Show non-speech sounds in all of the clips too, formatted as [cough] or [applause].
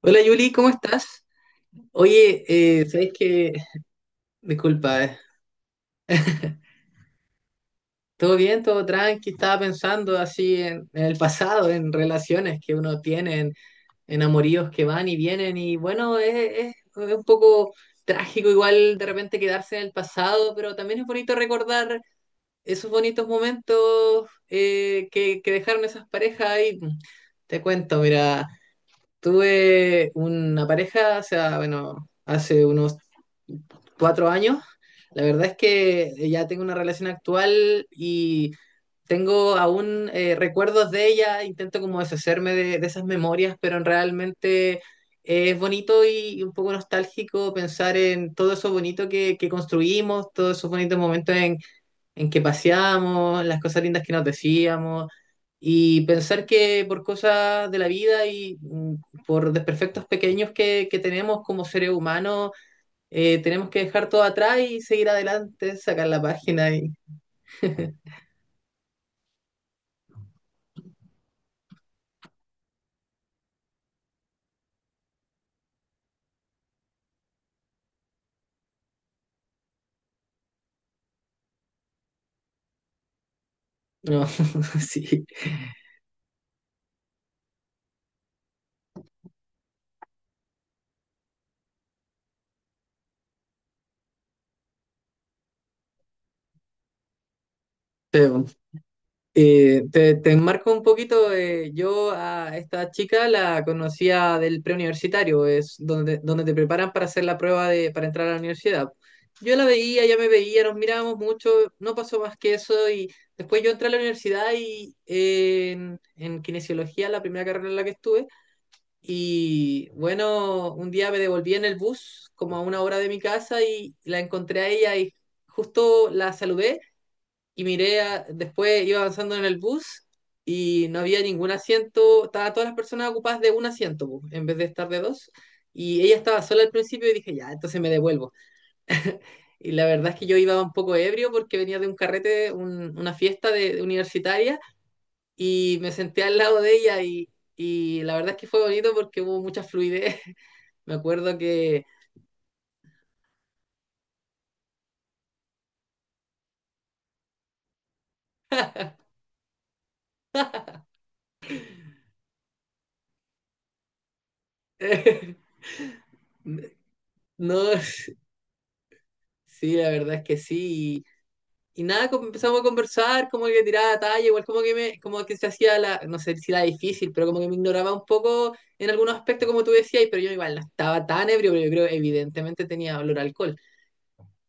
Hola Yuli, ¿cómo estás? Oye, ¿sabes qué? Disculpa, ¿Todo bien? ¿Todo tranqui? Estaba pensando así en el pasado, en relaciones que uno tiene, en amoríos que van y vienen y bueno, es un poco trágico igual de repente quedarse en el pasado, pero también es bonito recordar esos bonitos momentos que dejaron esas parejas ahí. Te cuento, mira. Tuve una pareja, o sea, bueno, hace unos 4 años. La verdad es que ya tengo una relación actual y tengo aún recuerdos de ella, intento como deshacerme de esas memorias, pero realmente es bonito y un poco nostálgico pensar en todo eso bonito que construimos, todos esos bonitos momentos en que paseamos, las cosas lindas que nos decíamos, y pensar que por cosas de la vida y por desperfectos pequeños que tenemos como seres humanos, tenemos que dejar todo atrás y seguir adelante, sacar la página y. [laughs] No, [laughs] sí. Te enmarco un poquito, yo a esta chica la conocía del preuniversitario, es donde te preparan para hacer la prueba para entrar a la universidad. Yo la veía, ella me veía, nos mirábamos mucho, no pasó más que eso y después yo entré a la universidad y en kinesiología, la primera carrera en la que estuve, y bueno, un día me devolví en el bus como a una hora de mi casa y la encontré a ella y justo la saludé y miré, después iba avanzando en el bus y no había ningún asiento, estaban todas las personas ocupadas de un asiento, po, en vez de estar de dos. Y ella estaba sola al principio y dije, ya, entonces me devuelvo. Y la verdad es que yo iba un poco ebrio porque venía de un carrete, una fiesta universitaria, y me senté al lado de ella y la verdad es que fue bonito porque hubo mucha fluidez. [laughs] Me acuerdo que. [laughs] No, sí, la verdad es que sí. Y nada, como empezamos a conversar, como que tiraba talla, igual como que se hacía la, no sé si la difícil, pero como que me ignoraba un poco en algunos aspectos, como tú decías, pero yo igual no estaba tan ebrio, pero yo creo evidentemente tenía olor a alcohol.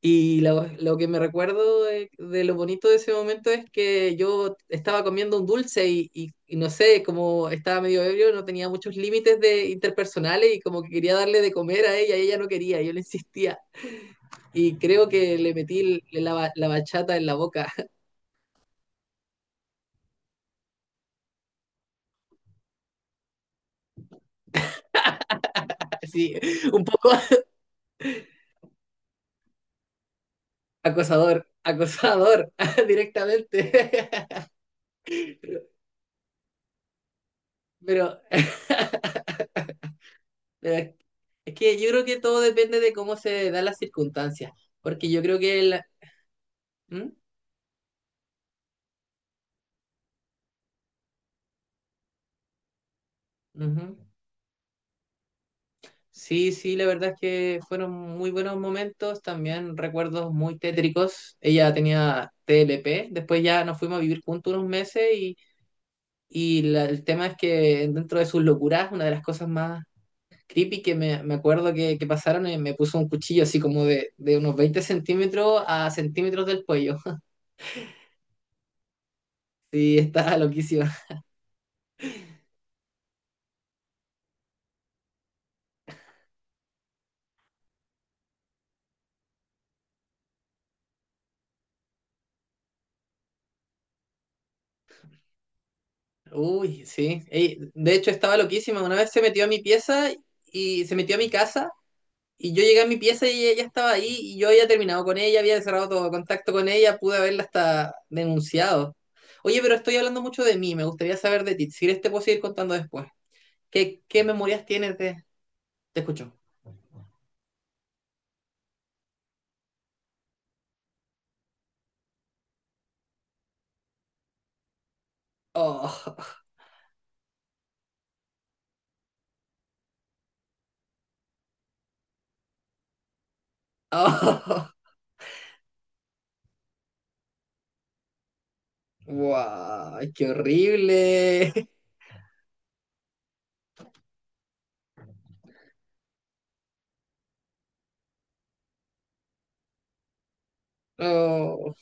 Y lo que me recuerdo de lo bonito de ese momento es que yo estaba comiendo un dulce y no sé, como estaba medio ebrio, no tenía muchos límites de interpersonales y como que quería darle de comer a ella y ella no quería, yo le insistía. Y creo que le metí la bachata en la boca. Sí, un poco acosador, acosador [laughs] directamente. [laughs] Pero, [laughs] pero es que yo creo que todo depende de cómo se dan las circunstancias, porque yo creo que la. ¿Mm? Ujú. Sí, sí, la verdad es que fueron muy buenos momentos, también recuerdos muy tétricos. Ella tenía TLP, después ya nos fuimos a vivir juntos unos meses y el tema es que dentro de sus locuras, una de las cosas más creepy que me acuerdo que pasaron y me puso un cuchillo así como de unos 20 centímetros a centímetros del cuello. [laughs] Sí, estaba loquísima. Uy, sí. Ey, de hecho, estaba loquísima. Una vez se metió a mi pieza y se metió a mi casa. Y yo llegué a mi pieza y ella estaba ahí y yo había terminado con ella, había cerrado todo contacto con ella, pude haberla hasta denunciado. Oye, pero estoy hablando mucho de mí, me gustaría saber de ti. Si quieres te puedo seguir contando después. ¿Qué memorias tienes de? Te escucho. Oh, [laughs] oh. ¡Guau! ¡Qué horrible! [laughs] Oh,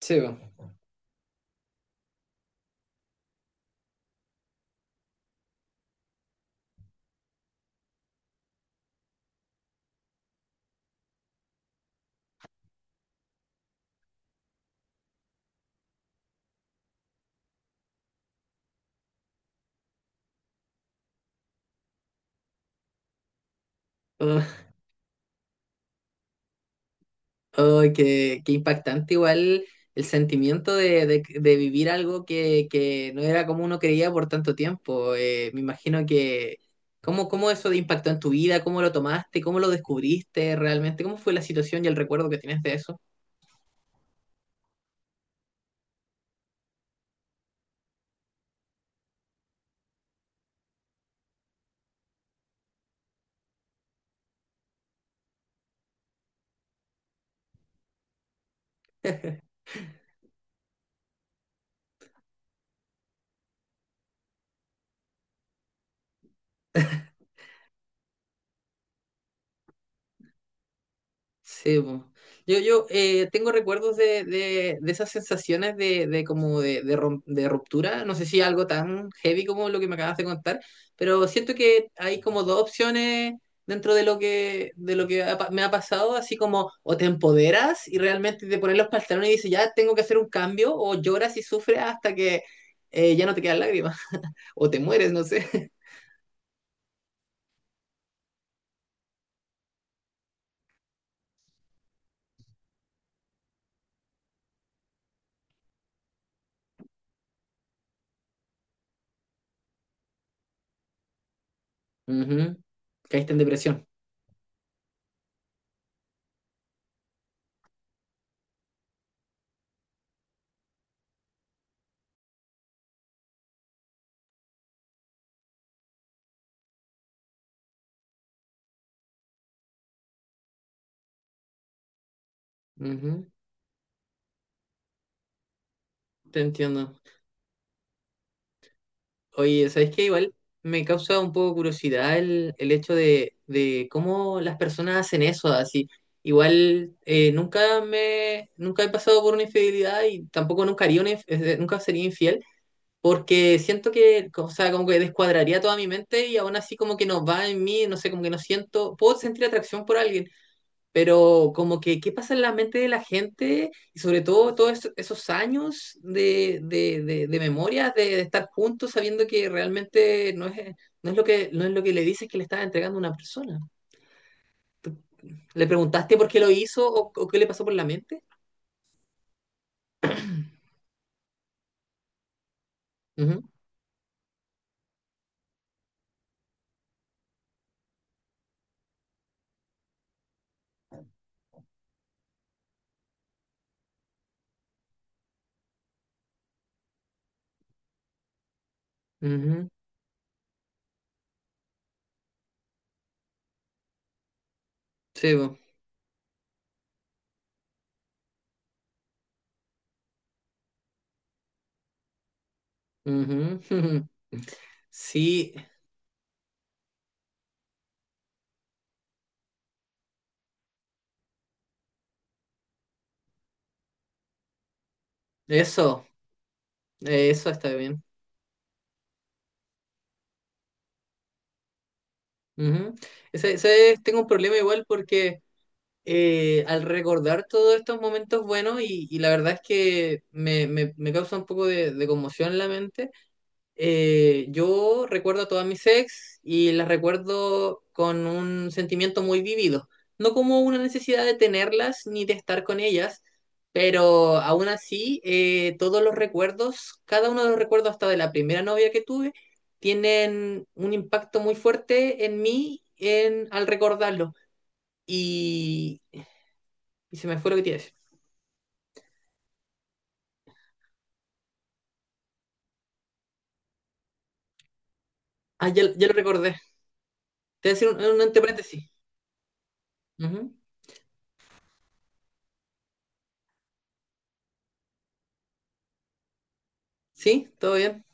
sí, po. Ah, oh, qué impactante igual el sentimiento de vivir algo que no era como uno creía por tanto tiempo. Me imagino que. ¿Cómo eso te impactó en tu vida? ¿Cómo lo tomaste? ¿Cómo lo descubriste realmente? ¿Cómo fue la situación y el recuerdo que tienes de eso? [laughs] Sí, po. Yo tengo recuerdos de esas sensaciones de como de ruptura, no sé si algo tan heavy como lo que me acabas de contar, pero siento que hay como dos opciones dentro de lo que me ha pasado, así como o te empoderas y realmente te pones los pantalones y dices, ya tengo que hacer un cambio, o lloras y sufres hasta que ya no te quedan lágrimas, [laughs] o te mueres, no sé. [laughs] Ujú. Caíste en depresión. Ujú. Te entiendo. Oye, ¿sabes qué? Igual me causa un poco curiosidad el hecho de cómo las personas hacen eso, así. Igual nunca he pasado por una infidelidad y tampoco nunca haría nunca sería infiel, porque siento que, o sea, como que descuadraría toda mi mente y aún así como que no va en mí, no sé, como que no siento, puedo sentir atracción por alguien pero como que qué pasa en la mente de la gente y sobre todo todos esos años de memoria, de estar juntos sabiendo que realmente no es lo que le dices que le estás entregando a una persona. ¿Tú- ¿Le preguntaste por qué lo hizo o qué le pasó por la mente? Ujú, ujú, sí, bo, ujú, [laughs] sí, eso, eso está bien. Ujú. Tengo un problema igual porque al recordar todos estos momentos buenos y la verdad es que me causa un poco de conmoción en la mente, yo recuerdo a todas mis ex y las recuerdo con un sentimiento muy vivido, no como una necesidad de tenerlas ni de estar con ellas, pero aún así todos los recuerdos, cada uno de los recuerdos hasta de la primera novia que tuve, tienen un impacto muy fuerte en mí al recordarlo. Y se me fue lo que te iba a decir. Ah, ya, ya lo recordé. Te voy a decir un entre paréntesis. Ujú. ¿Sí? ¿Todo bien?